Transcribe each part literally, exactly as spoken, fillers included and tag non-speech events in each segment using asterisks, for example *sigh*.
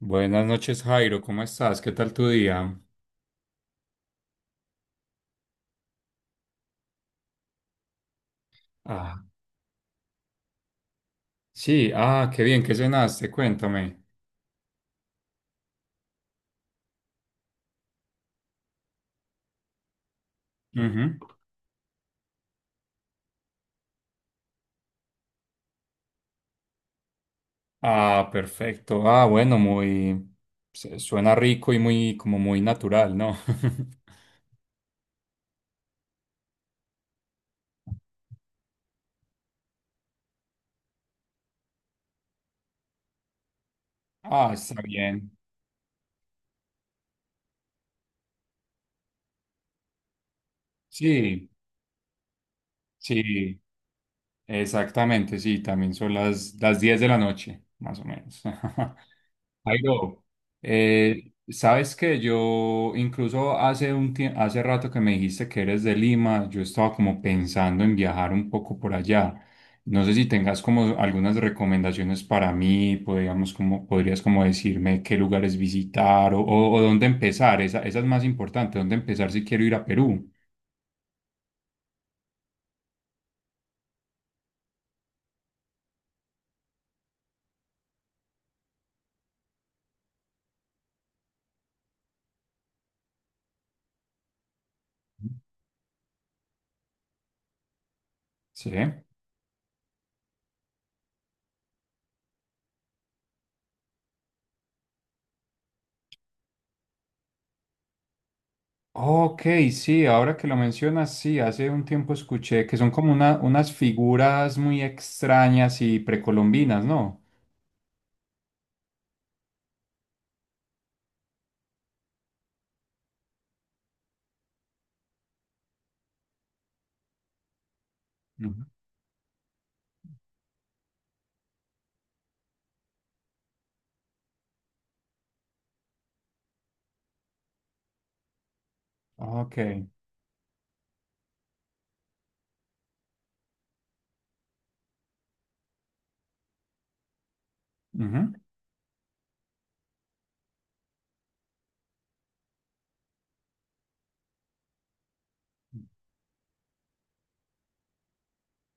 Buenas noches, Jairo, ¿cómo estás? ¿Qué tal tu día? Ah, sí, ah, qué bien, ¿qué cenaste? Cuéntame. Ujú. Ah, perfecto. Ah, bueno, muy... se- Suena rico y muy, como muy natural, ¿no? *laughs* Ah, está bien. Sí, sí, exactamente, sí, también son las, las diez de la noche, más o menos. *laughs* Jairo, eh, sabes que yo incluso hace un tie- hace rato que me dijiste que eres de Lima, yo estaba como pensando en viajar un poco por allá. No sé si tengas como algunas recomendaciones para mí, podríamos como, podrías como decirme qué lugares visitar o, o- o dónde empezar. Esa, esa es más importante, dónde empezar si quiero ir a Perú. Sí. Ok, sí, ahora que lo mencionas, sí, hace un tiempo escuché que son como una- unas figuras muy extrañas y precolombinas, ¿no? Ujú. Ok, ujú.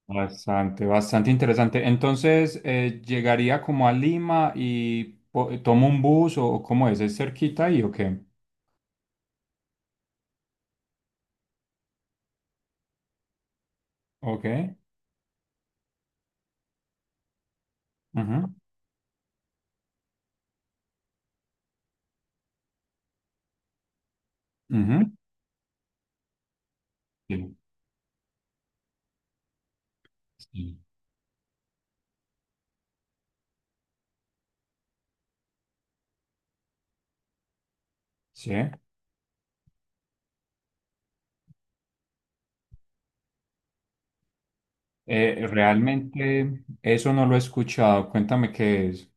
Bastante, bastante interesante. Entonces, eh, llegaría como a Lima y po- eh, tomo un bus o o cómo es, ¿es cerquita ahí o qué? Ok, ujú, ujú. Sí, sí, sí. Eh, realmente eso no lo he escuchado, cuéntame qué es.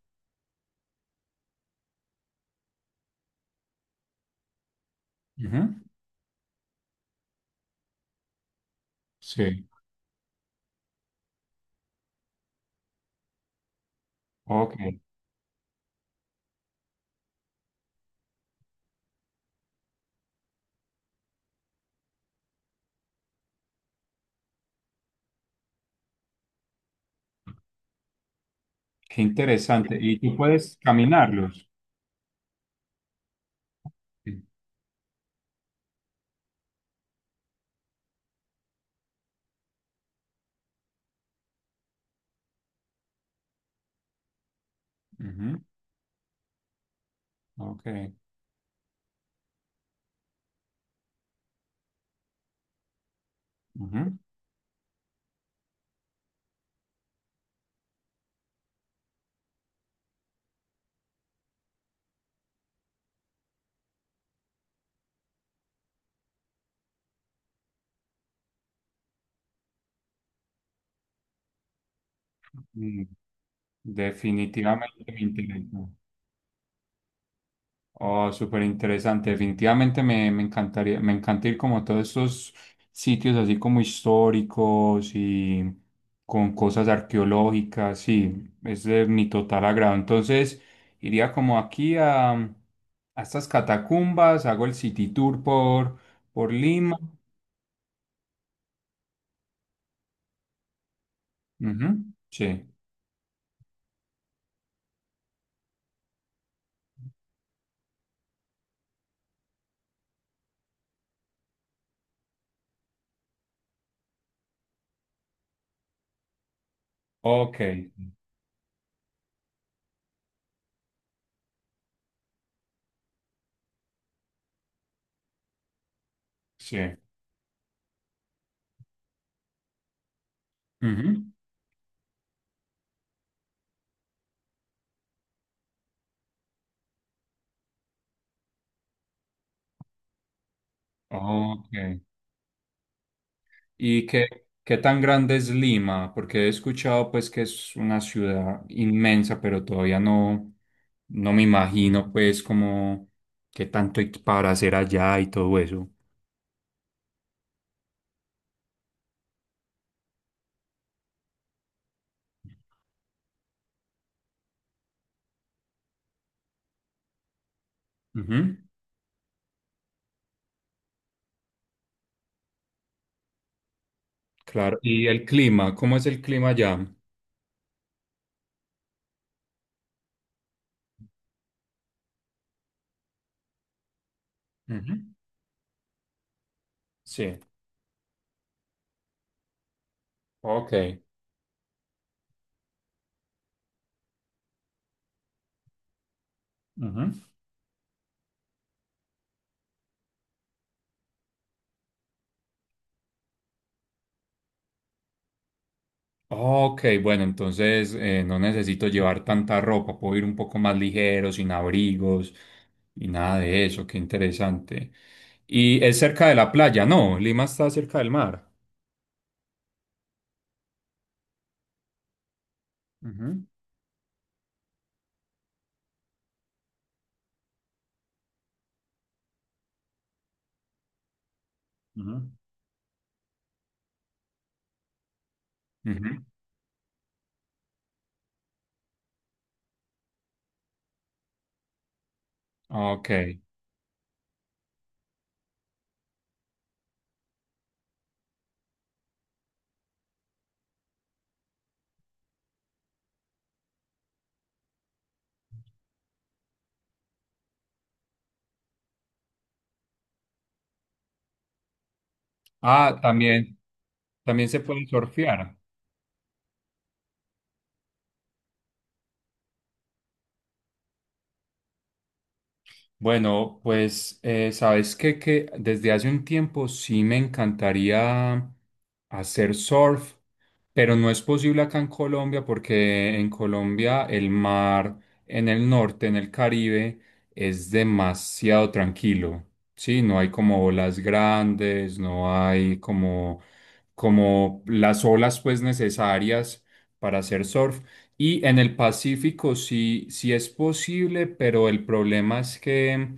Ujú. Sí, ok. Qué interesante. Y tú puedes caminarlos. Sí. Ujú. Ok. Ujú. Mm, definitivamente me interesa. Oh, súper interesante. Definitivamente me, me encantaría, me encanta ir como a todos esos sitios así como históricos y con cosas arqueológicas. Sí, es de mi total agrado. Entonces, iría como aquí a, a estas catacumbas, hago el city tour por, por Lima. Ujú. Sí. Ok, sí. Ujú. Ok. ¿Y qué, ¿qué tan grande es Lima? Porque he escuchado pues que es una ciudad inmensa, pero todavía no, no me imagino pues como qué tanto hay para hacer allá y todo eso. Ujú. Claro. ¿Y el clima? ¿Cómo es el clima allá? Ujú. Sí. Ok. Ujú. Ok, bueno, entonces eh, no necesito llevar tanta ropa, puedo ir un poco más ligero, sin abrigos y nada de eso, qué interesante. Y es cerca de la playa, no, Lima está cerca del mar. Ujú, ujú, ujú. Ok. Ah, también, también se puede surfear. Bueno, pues eh, sabes que, que desde hace un tiempo sí me encantaría hacer surf, pero no es posible acá en Colombia porque en Colombia el mar en el norte, en el Caribe, es demasiado tranquilo. Sí, no hay como olas grandes, no hay como, como las olas pues necesarias para hacer surf. Y en el Pacífico sí, sí es posible, pero el problema es que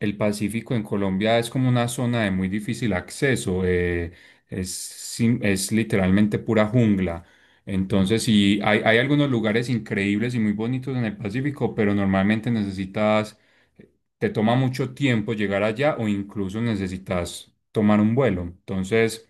el Pacífico en Colombia es como una zona de muy difícil acceso, eh, es, sim- es literalmente pura jungla. Entonces sí, hay, hay algunos lugares increíbles y muy bonitos en el Pacífico, pero normalmente necesitas, te toma mucho tiempo llegar allá o incluso necesitas tomar un vuelo. Entonces...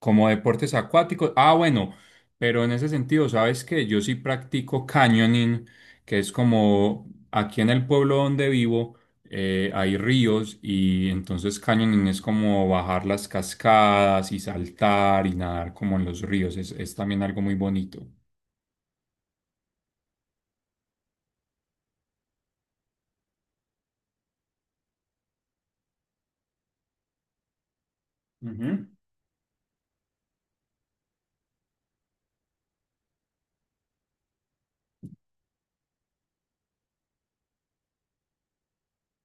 Como deportes acuáticos. Ah, bueno, pero en ese sentido, sabes que yo sí practico canyoning, que es como aquí en el pueblo donde vivo eh, hay ríos y entonces canyoning es como bajar las cascadas y saltar y nadar como en los ríos. Es, es también algo muy bonito. Ujú.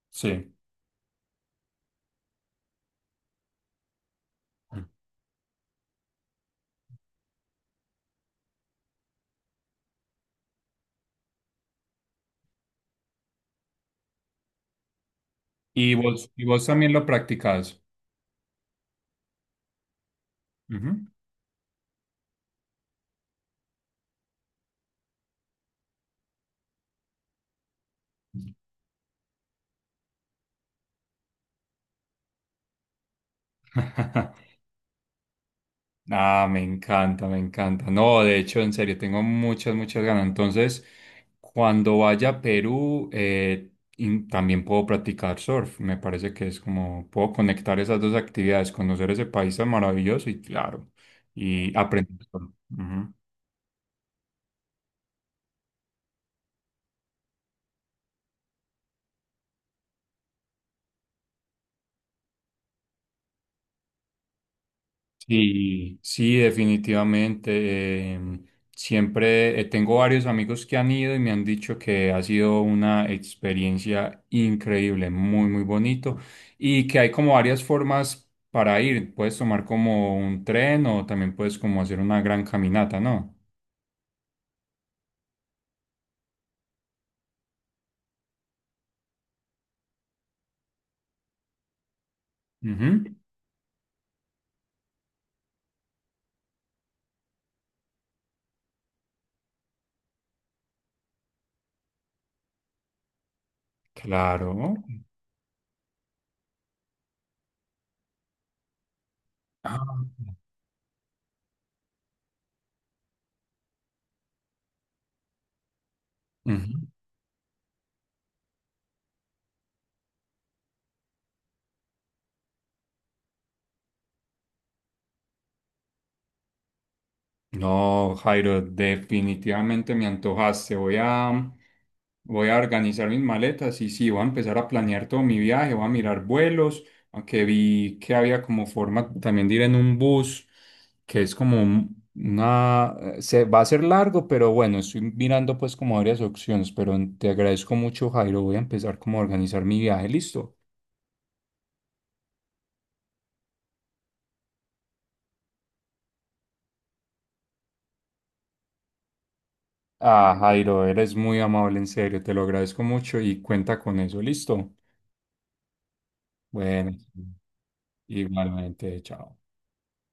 Sí. Y vos, y vos también lo practicás. Ujú. *laughs* Ah, me encanta, me encanta. No, de hecho, en serio, tengo muchas, muchas ganas. Entonces, cuando vaya a Perú, eh, in- también puedo practicar surf. Me parece que es como, puedo conectar esas dos actividades, conocer ese país tan maravilloso y claro, y aprender surf. Ujú. Sí, sí, definitivamente. em, siempre eh, tengo varios amigos que han ido y me han dicho que ha sido una experiencia increíble, muy, muy bonito y que hay como varias formas para ir. Puedes tomar como un tren o también puedes como hacer una gran caminata, ¿no? Ujú. Claro. Ah, ujú. No, Jairo, definitivamente me antojaste. Voy a, voy a organizar mis maletas y sí, voy a empezar a planear todo mi viaje, voy a mirar vuelos, aunque vi que había como forma también de ir en un bus, que es como un- una, eh, se va a ser largo, pero bueno, estoy mirando pues como varias opciones, pero te agradezco mucho, Jairo. Voy a empezar como a organizar mi viaje, listo. Ah, Jairo, eres muy amable, en serio, te lo agradezco mucho y cuenta con eso, listo. Bueno. Igualmente, chao.